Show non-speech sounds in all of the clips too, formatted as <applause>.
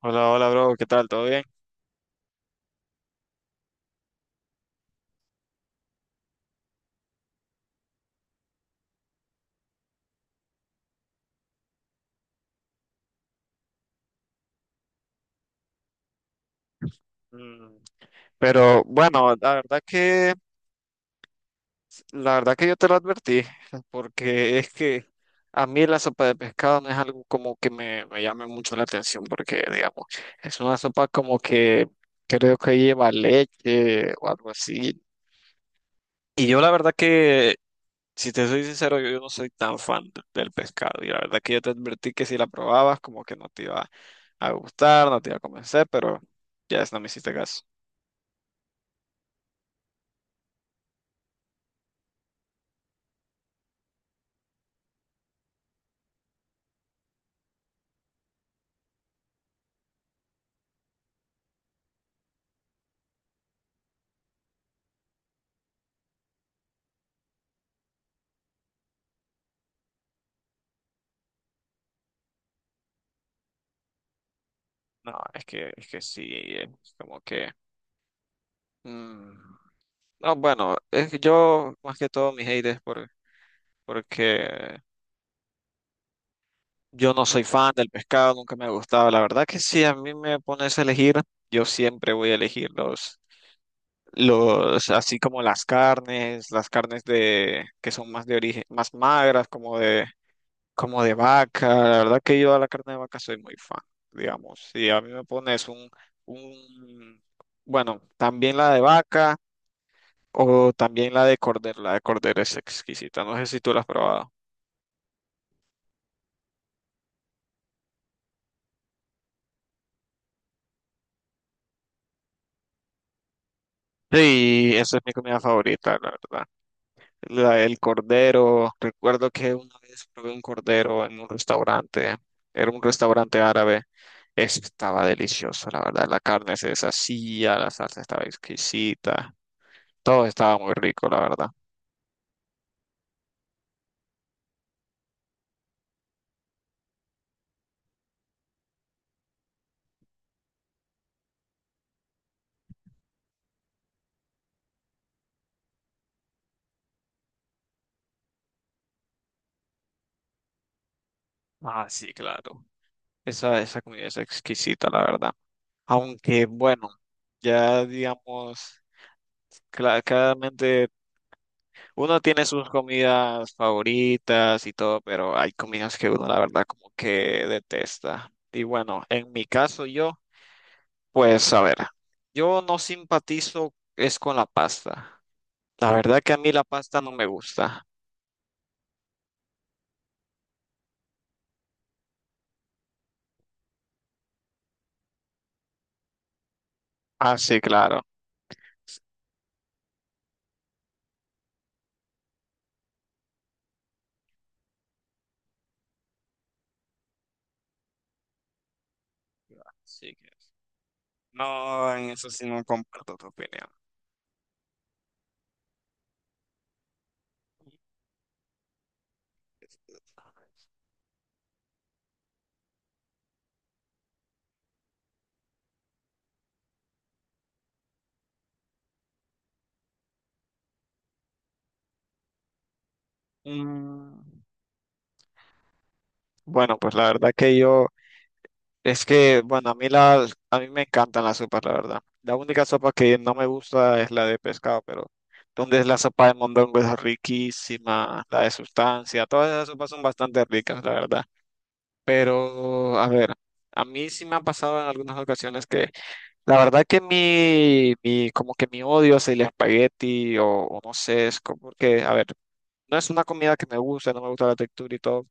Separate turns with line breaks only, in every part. Hola, hola, bro, ¿qué tal? ¿Todo bien? Mm. Pero bueno, la verdad que yo te lo advertí, porque es que a mí la sopa de pescado no es algo como que me llame mucho la atención, porque digamos, es una sopa como que creo que lleva leche o algo así. Y yo la verdad que, si te soy sincero, yo no soy tan fan del pescado, y la verdad que yo te advertí que si la probabas, como que no te iba a gustar, no te iba a convencer, pero ya es, no me hiciste caso. No, es que sí, es como que... mm, no, bueno, es que yo más que todo mis hate es porque yo no soy fan del pescado, nunca me ha gustado. La verdad que si a mí me pones a elegir, yo siempre voy a elegir los, así como las carnes de, que son más de origen, más magras, como de vaca. La verdad que yo a la carne de vaca soy muy fan, digamos. Si a mí me pones un, bueno, también la de vaca. O también la de cordero es exquisita, no sé si tú la has probado. Sí, esa es mi comida favorita, la verdad. La del cordero, recuerdo que una vez probé un cordero en un restaurante, era un restaurante árabe, estaba delicioso, la verdad, la carne se deshacía, la salsa estaba exquisita, todo estaba muy rico, la verdad. Ah, sí, claro. Esa comida es exquisita, la verdad. Aunque, bueno, ya digamos, claramente, uno tiene sus comidas favoritas y todo, pero hay comidas que uno la verdad como que detesta. Y bueno, en mi caso yo, pues a ver, yo no simpatizo es con la pasta. La verdad que a mí la pasta no me gusta. Ah, sí, claro. Así que no, en eso sí no comparto tu opinión. Mm. Bueno, pues la verdad que yo, es que, bueno, a mí me encantan las sopas, la verdad. La única sopa que no me gusta es la de pescado, pero donde es la sopa de mondongo es riquísima, la de sustancia, todas esas sopas son bastante ricas, la verdad. Pero, a ver, a mí sí me ha pasado en algunas ocasiones que, la verdad que mi como que mi odio hacia el espagueti o no sé, es como que, a ver, no es una comida que me gusta, no me gusta la textura y todo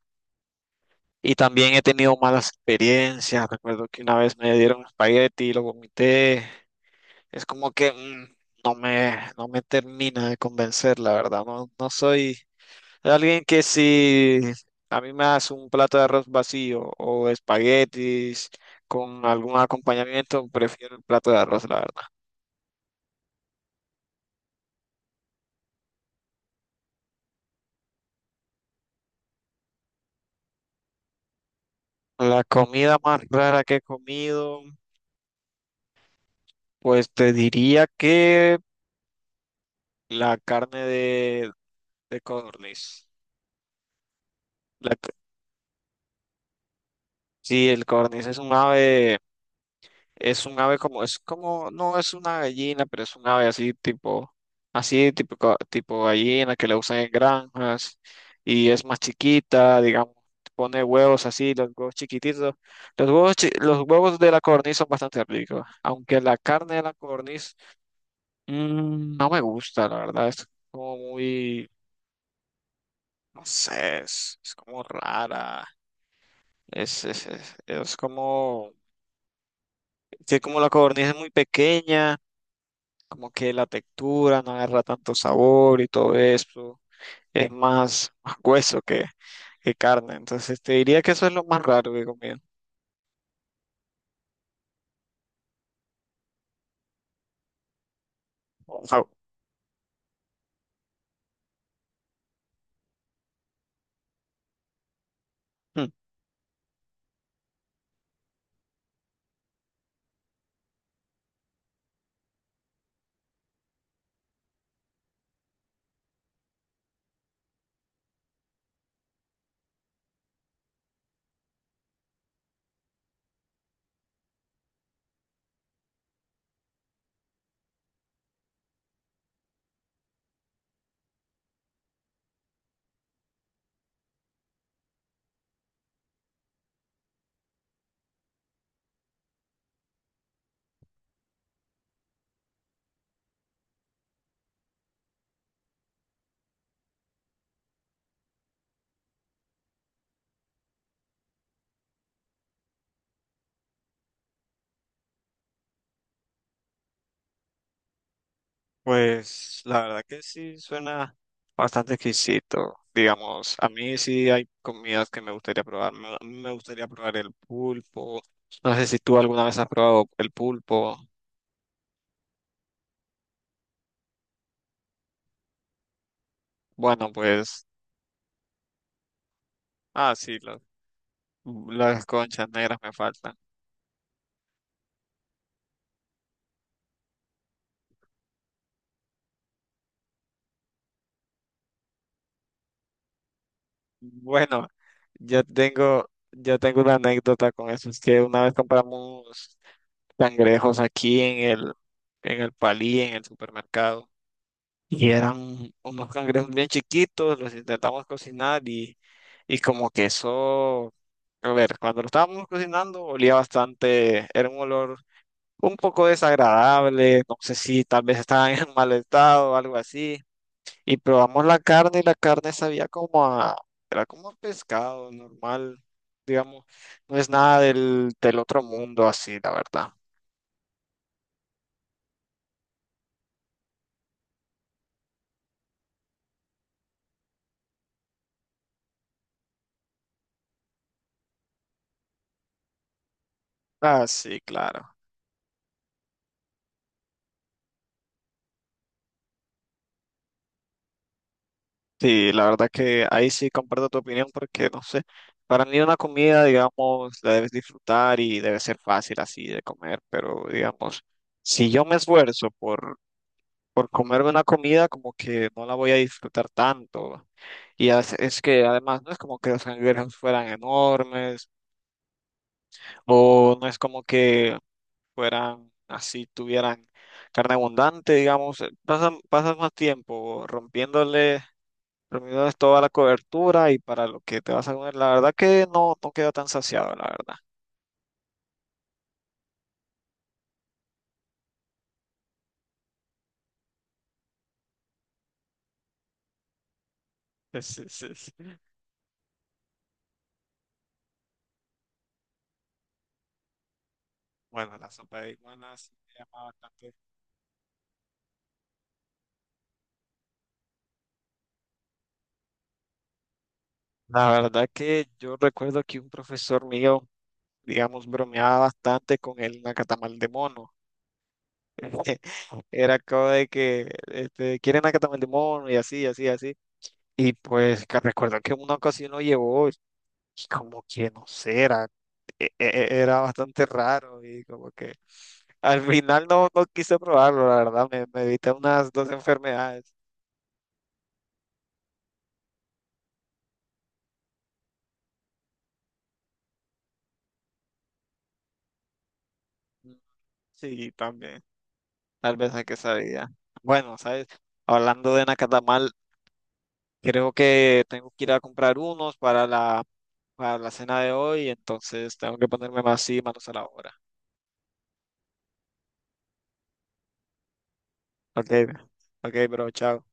y también he tenido malas experiencias. Recuerdo que una vez me dieron espagueti y lo vomité. Es como que no me termina de convencer, la verdad. No, no soy alguien que si a mí me das un plato de arroz vacío o espaguetis con algún acompañamiento, prefiero el plato de arroz, la verdad. La comida más rara que he comido, pues te diría que la carne de codorniz. La sí, el cornis es un ave como, es como, no es una gallina, pero es un ave así tipo, así tipo, tipo gallina que le usan en granjas y es más chiquita, digamos, pone huevos así, los huevos chiquititos. Los huevos, los huevos de la cornis son bastante ricos, aunque la carne de la cornis no me gusta, la verdad, es como muy, no sé, es como rara, es como... que como la codorniz es muy pequeña, como que la textura no agarra tanto sabor y todo eso, más hueso que carne. Entonces te diría que eso es lo más raro que he comido. Wow. Hmm. Pues la verdad que sí suena bastante exquisito. Digamos, a mí sí hay comidas que me gustaría probar. Me gustaría probar el pulpo. No sé si tú alguna vez has probado el pulpo. Bueno, pues, ah, sí, las conchas negras me faltan. Bueno, yo tengo una anécdota con eso. Es que una vez compramos cangrejos aquí en el Palí, en el supermercado. Y eran unos cangrejos bien chiquitos, los intentamos cocinar y como que eso, a ver, cuando lo estábamos cocinando olía bastante, era un olor un poco desagradable, no sé si tal vez estaban en <laughs> mal estado o algo así. Y probamos la carne y la carne sabía como a, era como a pescado normal, digamos. No es nada del otro mundo así, la verdad. Ah, sí, claro. Sí, la verdad que ahí sí comparto tu opinión porque, no sé, para mí una comida, digamos, la debes disfrutar y debe ser fácil así de comer, pero, digamos, si yo me esfuerzo por comerme una comida, como que no la voy a disfrutar tanto. Y as- es que además no es como que los canguros fueran enormes. O no es como que fueran así, tuvieran carne abundante, digamos. Pasas más tiempo rompiéndoles toda la cobertura y para lo que te vas a comer, la verdad que no, no queda tan saciado, la verdad. Es- es- es- Bueno, la sopa de iguanas sí me llama bastante. La verdad que yo recuerdo que un profesor mío, digamos, bromeaba bastante con el nacatamal de mono. <laughs> Era como de que este, quieren nacatamal de mono y así, así, así. Y pues que recuerdo que en una ocasión lo llevó y como que no sé, era, era bastante raro y como que al final no, no quise probarlo, la verdad, me evité unas 2 enfermedades. Mm. Sí, también, tal vez hay que sabía. Bueno, ¿sabes? Hablando de nacatamal, creo que tengo que ir a comprar unos para para la cena de hoy, entonces tengo que ponerme más y manos a la obra. Ok, ok, bro, chao.